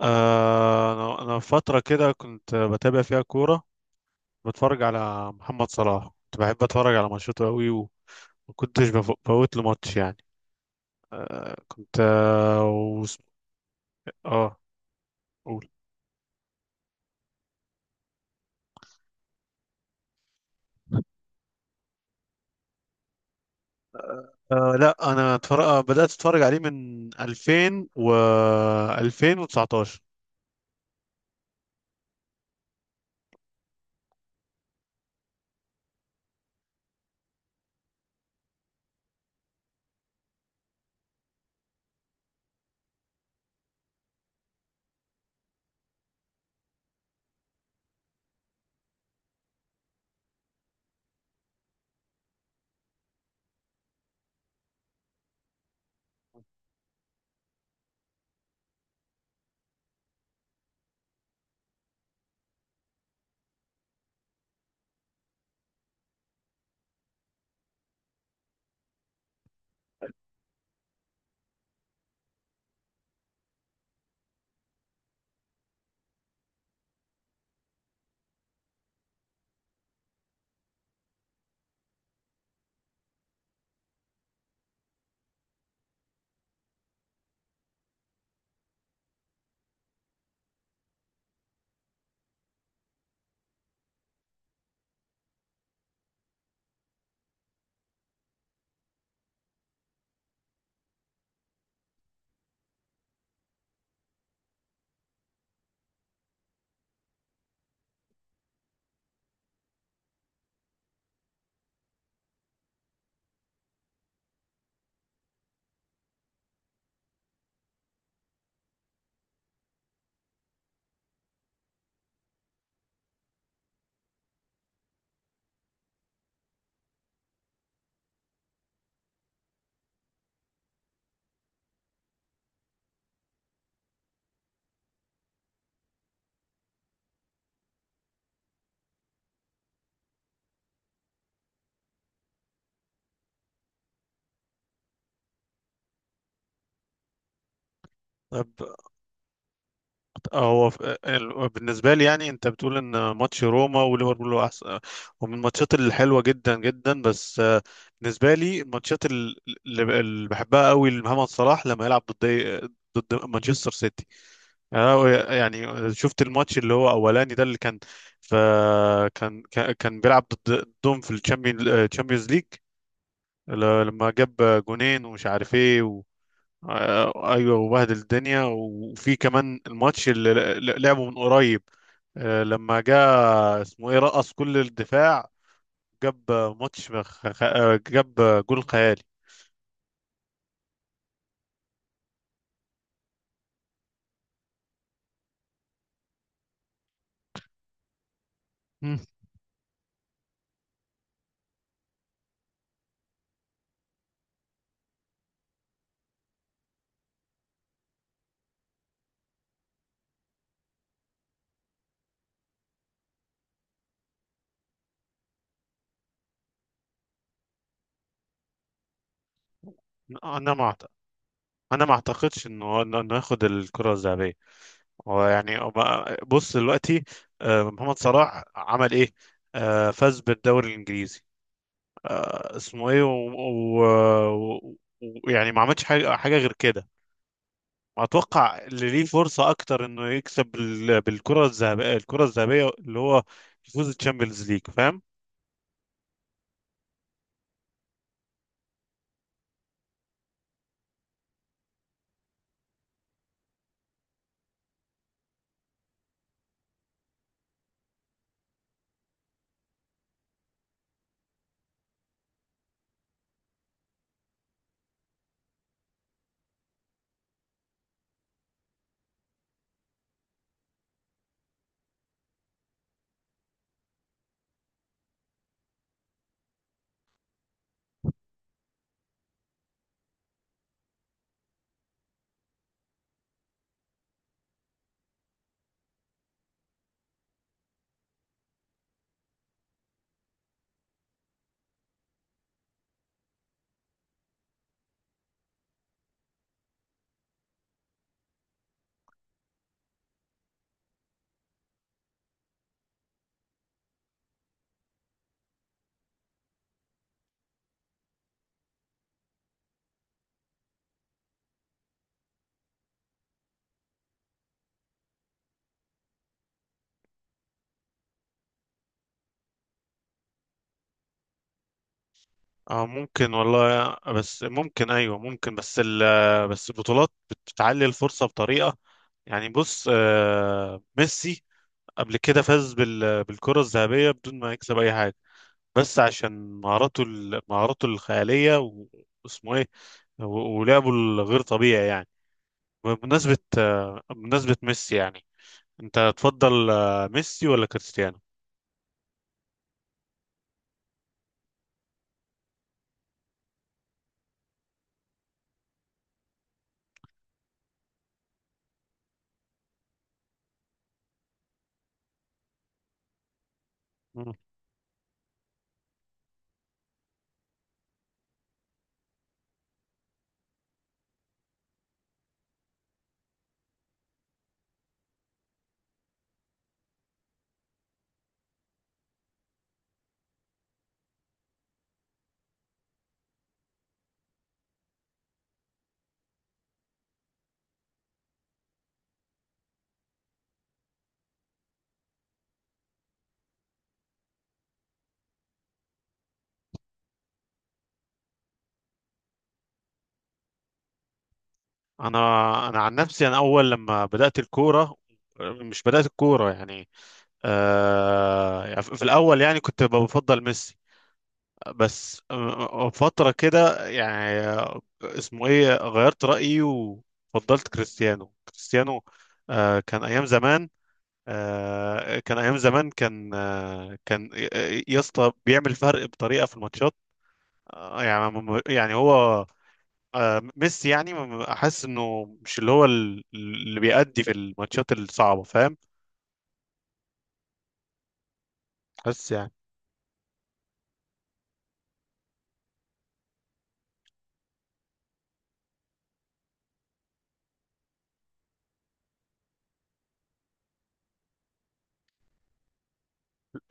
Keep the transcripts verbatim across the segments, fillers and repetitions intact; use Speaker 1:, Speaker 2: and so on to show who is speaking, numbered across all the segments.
Speaker 1: آه، أنا أنا فترة كده كنت بتابع فيها كورة. بتفرج على محمد صلاح، كنت بحب أتفرج على ماتشاته أوي، وما كنتش بف- بفوت له ماتش يعني. آه، كنت آه وس- آه قول. آه لا، أنا اتفرج بدأت أتفرج عليه من ألفين و ألفين وتسعتاشر. هو ف- ال- بالنسبة لي، يعني انت بتقول ان ماتش روما وليفربول هو احسن ومن الماتشات الحلوة جدا جدا. بس آه، بالنسبة لي الماتشات ال- اللي ب- اللي بحبها قوي لمحمد صلاح لما يلعب ضد إيه، ضد مانشستر سيتي. أنا يعني شفت الماتش اللي هو اولاني ده اللي كان ف كان كان كان بيلعب ضد ضدهم في الشامبيونز ليج لما جاب جونين ومش عارف ايه. آه، ايوه، وبهدل الدنيا. وفي كمان الماتش اللي ل- لعبه من قريب، آه، لما جاء اسمه ايه رقص كل الدفاع. جاب آه، ماتش خ- خ- آه، جاب آه، جول خيالي. مم. انا ما أعت- انا ما اعتقدش انه هو- انه إنه ياخد الكره الذهبيه. هو يعني أما- بص دلوقتي، آه، محمد صلاح عمل ايه؟ آه، فاز بالدوري الانجليزي اسمه ايه ويعني و... و... و- ويعني ما عملش حاجه حاجه غير كده. اتوقع اللي ليه فرصه اكتر انه يكسب بال- بالكره الذهبيه، الكره الذهبيه اللي هو يفوز الشامبيونز ليج، فاهم؟ اه، ممكن والله، بس ممكن، ايوه ممكن. بس ال بس البطولات بتعلي الفرصه بطريقه. يعني بص، آه، ميسي قبل كده فاز بال- بالكره الذهبيه بدون ما يكسب اي حاجه، بس عشان مهاراته ال- مهاراته الخياليه و- واسمه ايه و- ولعبه الغير طبيعي يعني. بمناسبه آه، بمناسبه ميسي يعني، انت تفضل آه، ميسي ولا كريستيانو؟ مم. انا انا عن نفسي، انا اول لما بدات الكوره، مش بدات الكوره يعني آه يعني في الاول يعني كنت بفضل ميسي. بس آه، آه، فتره كده يعني آه، اسمه ايه غيرت رايي، وفضلت كريستيانو كريستيانو آه كان ايام زمان، آه كان ايام زمان كان آه كان آه، يا اسطى بيعمل فرق بطريقه في الماتشات. آه، يعني يعني هو آه، ميسي يعني م- احس انه مش اللي هو ال- اللي بيأدي في الماتشات الصعبة، فاهم، حاسس يعني؟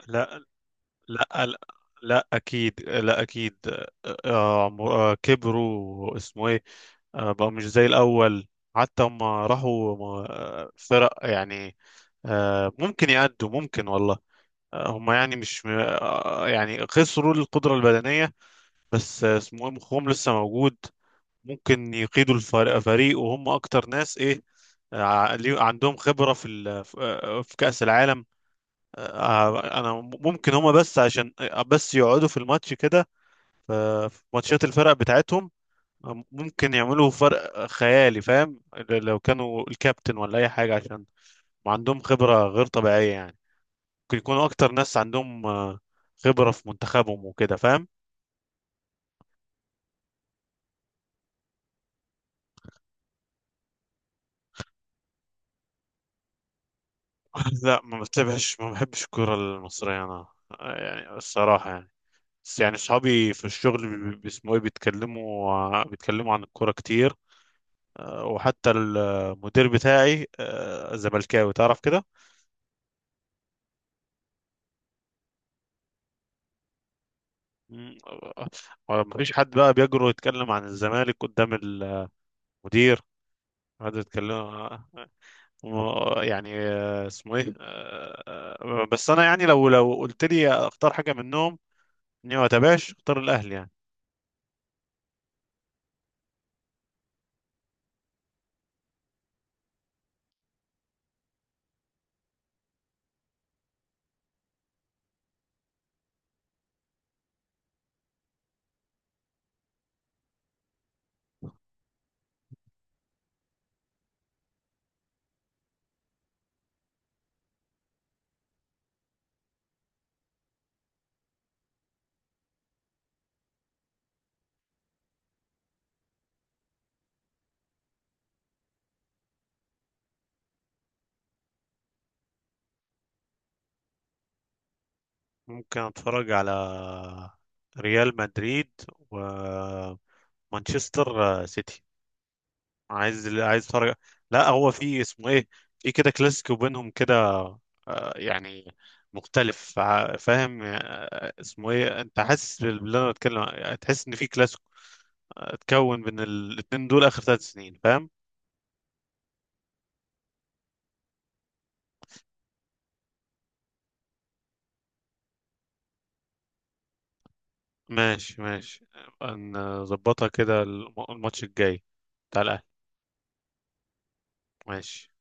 Speaker 1: لا، لا، لا, لا اكيد، لا اكيد. آه، م- آه، كبروا اسمه ايه، آه، بقوا مش زي الاول، حتى هم راحوا م- آه، فرق يعني. آه، ممكن يأدوا، ممكن والله. آه، هم يعني مش م- آه، يعني خسروا القدرة البدنية، بس آه، اسمه ايه مخهم لسه موجود. ممكن يقيدوا الفريق فريق وهم اكتر ناس ايه ع- ليه- عندهم خبرة في ال- في آه، في كأس العالم. آه، انا ممكن هم بس عشان آه، بس يقعدوا في الماتش كده ف- في ماتشات الفرق بتاعتهم، آه، ممكن يعملوا فرق خيالي، فاهم؟ ل- لو كانوا الكابتن ولا اي حاجة، عشان عندهم خبرة غير طبيعية يعني. ممكن يكونوا اكتر ناس عندهم آه، خبرة في منتخبهم وكده، فاهم؟ لا، ما بتابعش، ما بحبش الكرة المصرية انا. آه، يعني الصراحة يعني. بس يعني اصحابي في الشغل بي- اسمه ايه بيتكلموا ع- بيتكلموا عن الكوره كتير. آه، وحتى المدير بتاعي آه، زملكاوي تعرف كده. مم، آه، مفيش حد بقى بيجرؤ يتكلم عن الزمالك قدام المدير. هذا يتكلم آه، آه، يعني آه، اسمه ايه، آه، آه، بس انا يعني لو لو قلت لي اختار حاجه منهم، اني ما اتابعش اختار الاهلي يعني. ممكن اتفرج على ريال مدريد ومانشستر سيتي، عايز عايز اتفرج. لا، هو في اسمه ايه، في كده كلاسيكو بينهم كده، آه، يعني مختلف، ع- فاهم؟ آه، اسمه ايه، انت حاسس باللي انا بتكلم يعني، تحس ان في كلاسيكو اتكون بين الاتنين دول اخر ثلاث سنين، فاهم؟ ماشي، ماشي، نظبطها كده الم- الماتش الجاي بتاع الاهلي، ماشي.